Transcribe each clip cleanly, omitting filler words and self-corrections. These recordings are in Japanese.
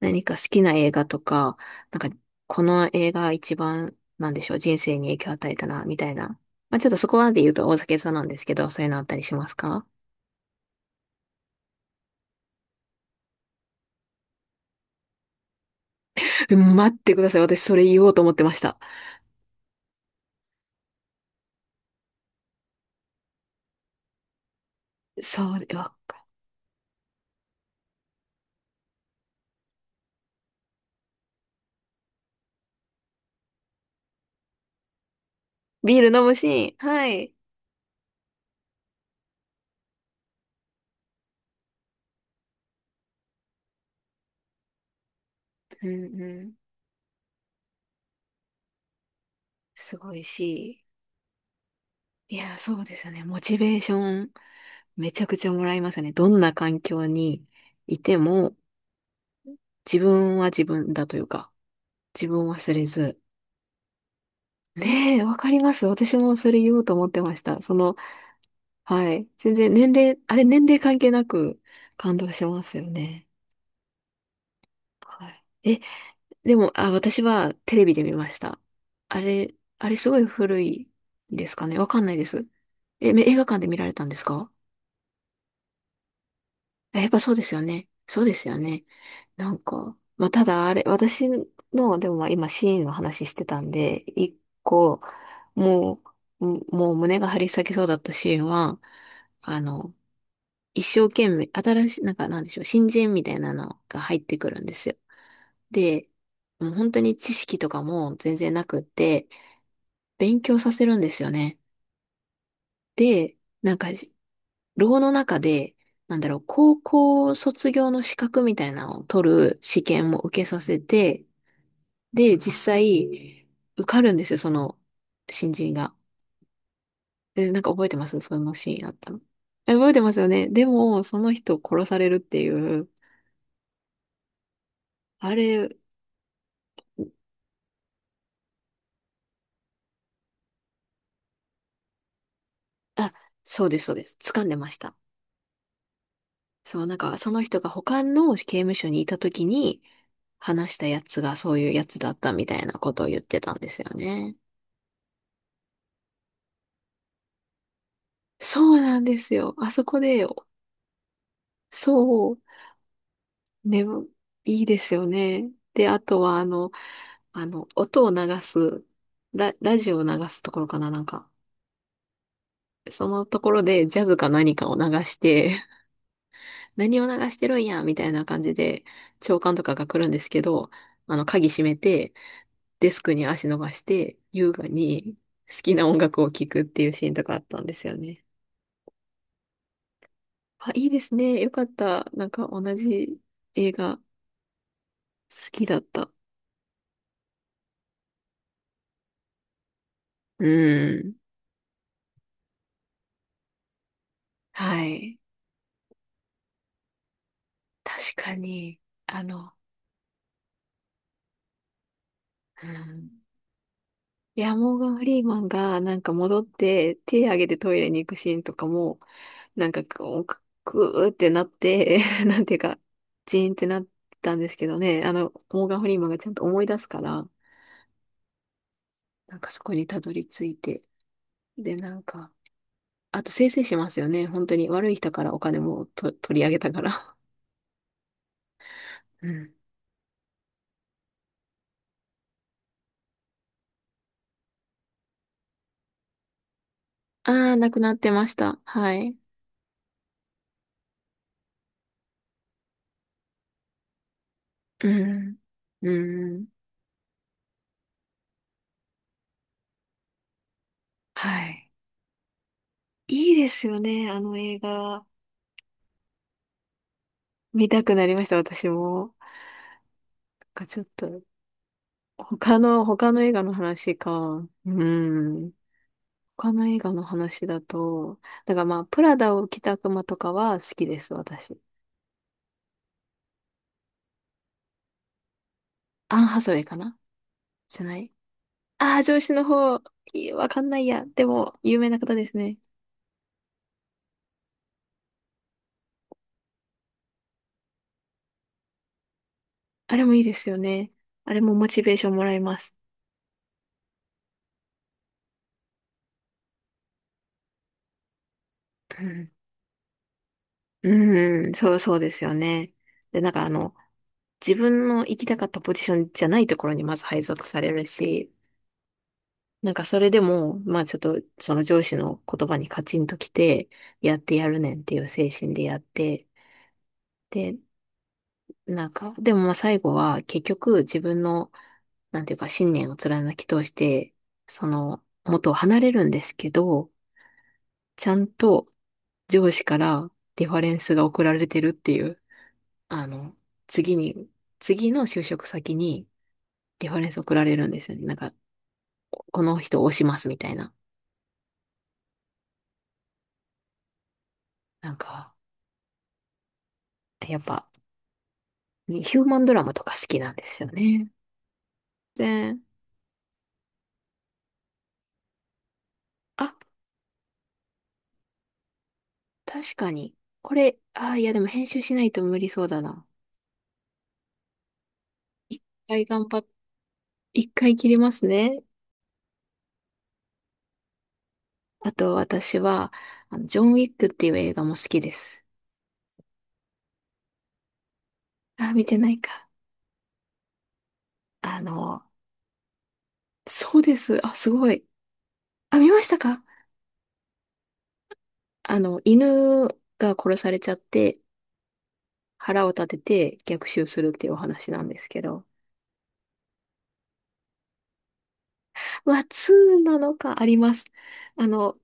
何か好きな映画とか、なんか、この映画一番、なんでしょう、人生に影響を与えたな、みたいな。まあ、ちょっとそこまで言うと大酒さんなんですけど、そういうのあったりしますか？うん、待ってください。私それ言おうと思ってました。そうで、わかビール飲むシーン。はい。うんうん。すごいし。いや、そうですよね。モチベーション、めちゃくちゃもらいますね。どんな環境にいても、自分は自分だというか、自分を忘れず、ねえ、わかります。私もそれ言おうと思ってました。その、はい。全然年齢、あれ年齢関係なく感動しますよね。はい。え、でも、あ、私はテレビで見ました。あれすごい古いですかね。わかんないです。映画館で見られたんですか？やっぱそうですよね。そうですよね。なんか、まあ、ただあれ、私の、でもまあ今シーンの話してたんで、一個、ももう胸が張り裂けそうだったシーンは、あの、一生懸命、新しい、なんかなんでしょう、新人みたいなのが入ってくるんですよ。で、もう本当に知識とかも全然なくって、勉強させるんですよね。で、なんか牢の中で、なんだろう、高校卒業の資格みたいなのを取る試験も受けさせて、で、実際、受かるんですよ、その、新人が。え、なんか覚えてますそのシーンあったの？え覚えてますよね。でも、その人を殺されるっていう、あれ、あ、そうです、そうです。掴んでました。そう、なんか、その人が他の刑務所にいた時に、話したやつがそういうやつだったみたいなことを言ってたんですよね。そうなんですよ。あそこでそう、ね、いいですよね。で、あとは、あの、音を流す、ラジオを流すところかな、なんか。そのところでジャズか何かを流して、何を流してるんや、みたいな感じで、長官とかが来るんですけど、あの、鍵閉めて、デスクに足伸ばして、優雅に好きな音楽を聴くっていうシーンとかあったんですよね。あ、いいですね。よかった。なんか同じ映画好きだった。うん。はい。確かに、あの、うん、いや、モーガン・フリーマンがなんか戻って手挙げてトイレに行くシーンとかも、なんかこう、くくーってなって、なんていうか、ジーンってなったんですけどね、あの、モーガン・フリーマンがちゃんと思い出すから、なんかそこにたどり着いて、で、なんか、あと生成しますよね、本当に悪い人からお金もと取り上げたから。うん。ああ、なくなってました。はい。うん。うん。はい。いいですよね。あの映画、見たくなりました、私も。なんかちょっと、他の映画の話か。うん。他の映画の話だと、だからまあ、プラダを着た悪魔とかは好きです、私。アン・ハサウェイかな？じゃない？ああー、上司の方、いやわかんないや。でも、有名な方ですね。あれもいいですよね。あれもモチベーションもらえます。うん、うん、そう、そうですよね。で、なんかあの、自分の行きたかったポジションじゃないところにまず配属されるし、なんかそれでも、まあちょっとその上司の言葉にカチンときて、やってやるねんっていう精神でやって、で、なんか、でもまあ最後は結局自分の、なんていうか信念を貫き通して、その元を離れるんですけど、ちゃんと上司からリファレンスが送られてるっていう、あの、次に、次の就職先にリファレンス送られるんですよね。なんか、この人を推しますみたいな。なんか、やっぱ、にヒューマンドラマとか好きなんですよね。で、あ、確かに。これ、あー、いやでも編集しないと無理そうだな。一回頑張っ、一回切りますね。あと私は、あのジョン・ウィックっていう映画も好きです。あー、見てないか。あの、そうです。あ、すごい。あ、見ましたか？あの、犬が殺されちゃって、腹を立てて逆襲するっていうお話なんですけど。は2なのかあります。あの、2、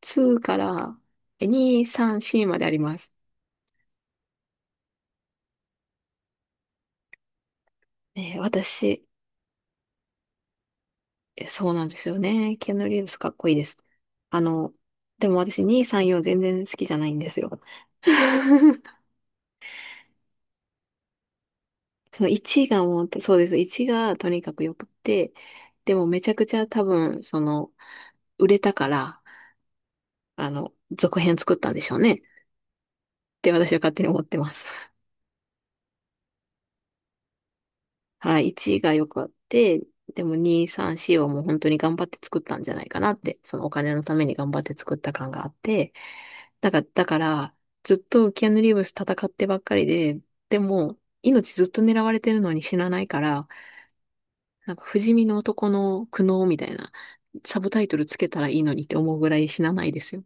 ツーから2、3、C まであります。私、そうなんですよね。キアヌ・リーブスかっこいいです。あの、でも私2、3、4全然好きじゃないんですよ。その1がもう、そうです。1がとにかく良くって、でもめちゃくちゃ多分、その、売れたから、あの、続編作ったんでしょうね。って私は勝手に思ってます。はい、1が良くあって、でも2、3、4をもう本当に頑張って作ったんじゃないかなって、そのお金のために頑張って作った感があって、だから、ずっとキアヌ・リーブス戦ってばっかりで、でも、命ずっと狙われてるのに死なないから、なんか不死身の男の苦悩みたいな、サブタイトルつけたらいいのにって思うぐらい死なないですよ。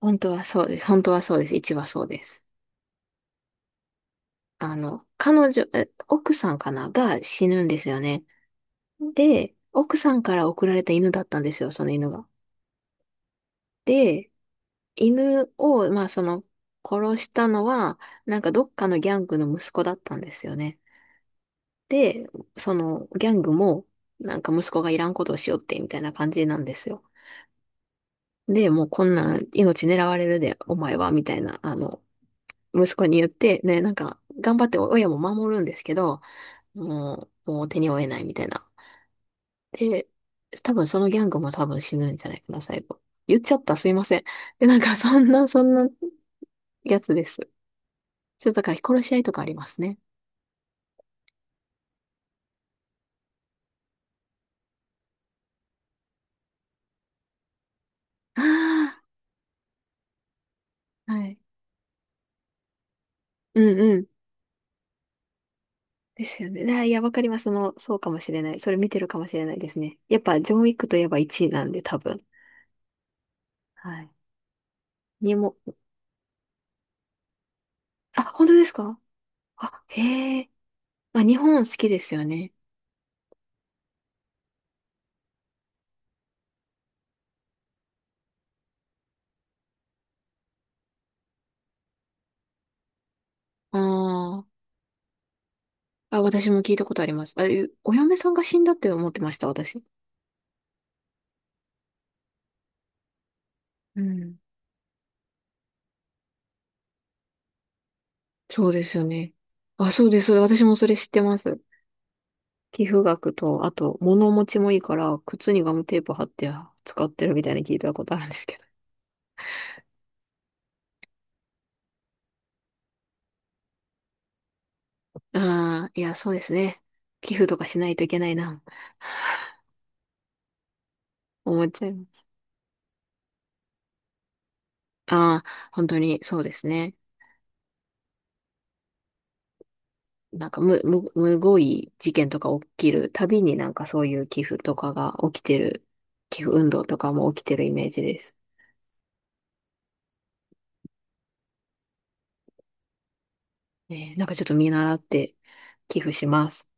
本当はそうです。本当はそうです。1はそうです。あの、彼女、奥さんかなが死ぬんですよね。で、奥さんから送られた犬だったんですよ、その犬が。で、犬を、まあその、殺したのは、なんかどっかのギャングの息子だったんですよね。で、その、ギャングも、なんか息子がいらんことをしよって、みたいな感じなんですよ。で、もうこんなん命狙われるで、お前は、みたいな、あの、息子に言って、ね、なんか、頑張って親も守るんですけど、もう手に負えないみたいなで、多分そのギャングも多分死ぬんじゃないかな、最後。言っちゃった、すいません。で、なんかそんな、そんなやつです。ちょっとだから殺し合いとかありますね。ああ、はい。うんうん。ですよね。あーいや、わかります。その、そうかもしれない。それ見てるかもしれないですね。やっぱ、ジョン・ウィックといえば1位なんで、多分。はい。にも、あ、本当ですか？あ、へえ。まあ、日本好きですよね。あーあ、私も聞いたことあります。あ、お嫁さんが死んだって思ってました、私。うん。そうですよね。あ、そうです。私もそれ知ってます。寄付額と、あと、物持ちもいいから、靴にガムテープ貼って使ってるみたいに聞いたことあるんですけど。ああ、いや、そうですね。寄付とかしないといけないな、思っちゃいます。ああ、本当にそうですね。なんか、むごい事件とか起きるたびになんかそういう寄付とかが起きてる、寄付運動とかも起きてるイメージです。ね、なんかちょっと見習って寄付します。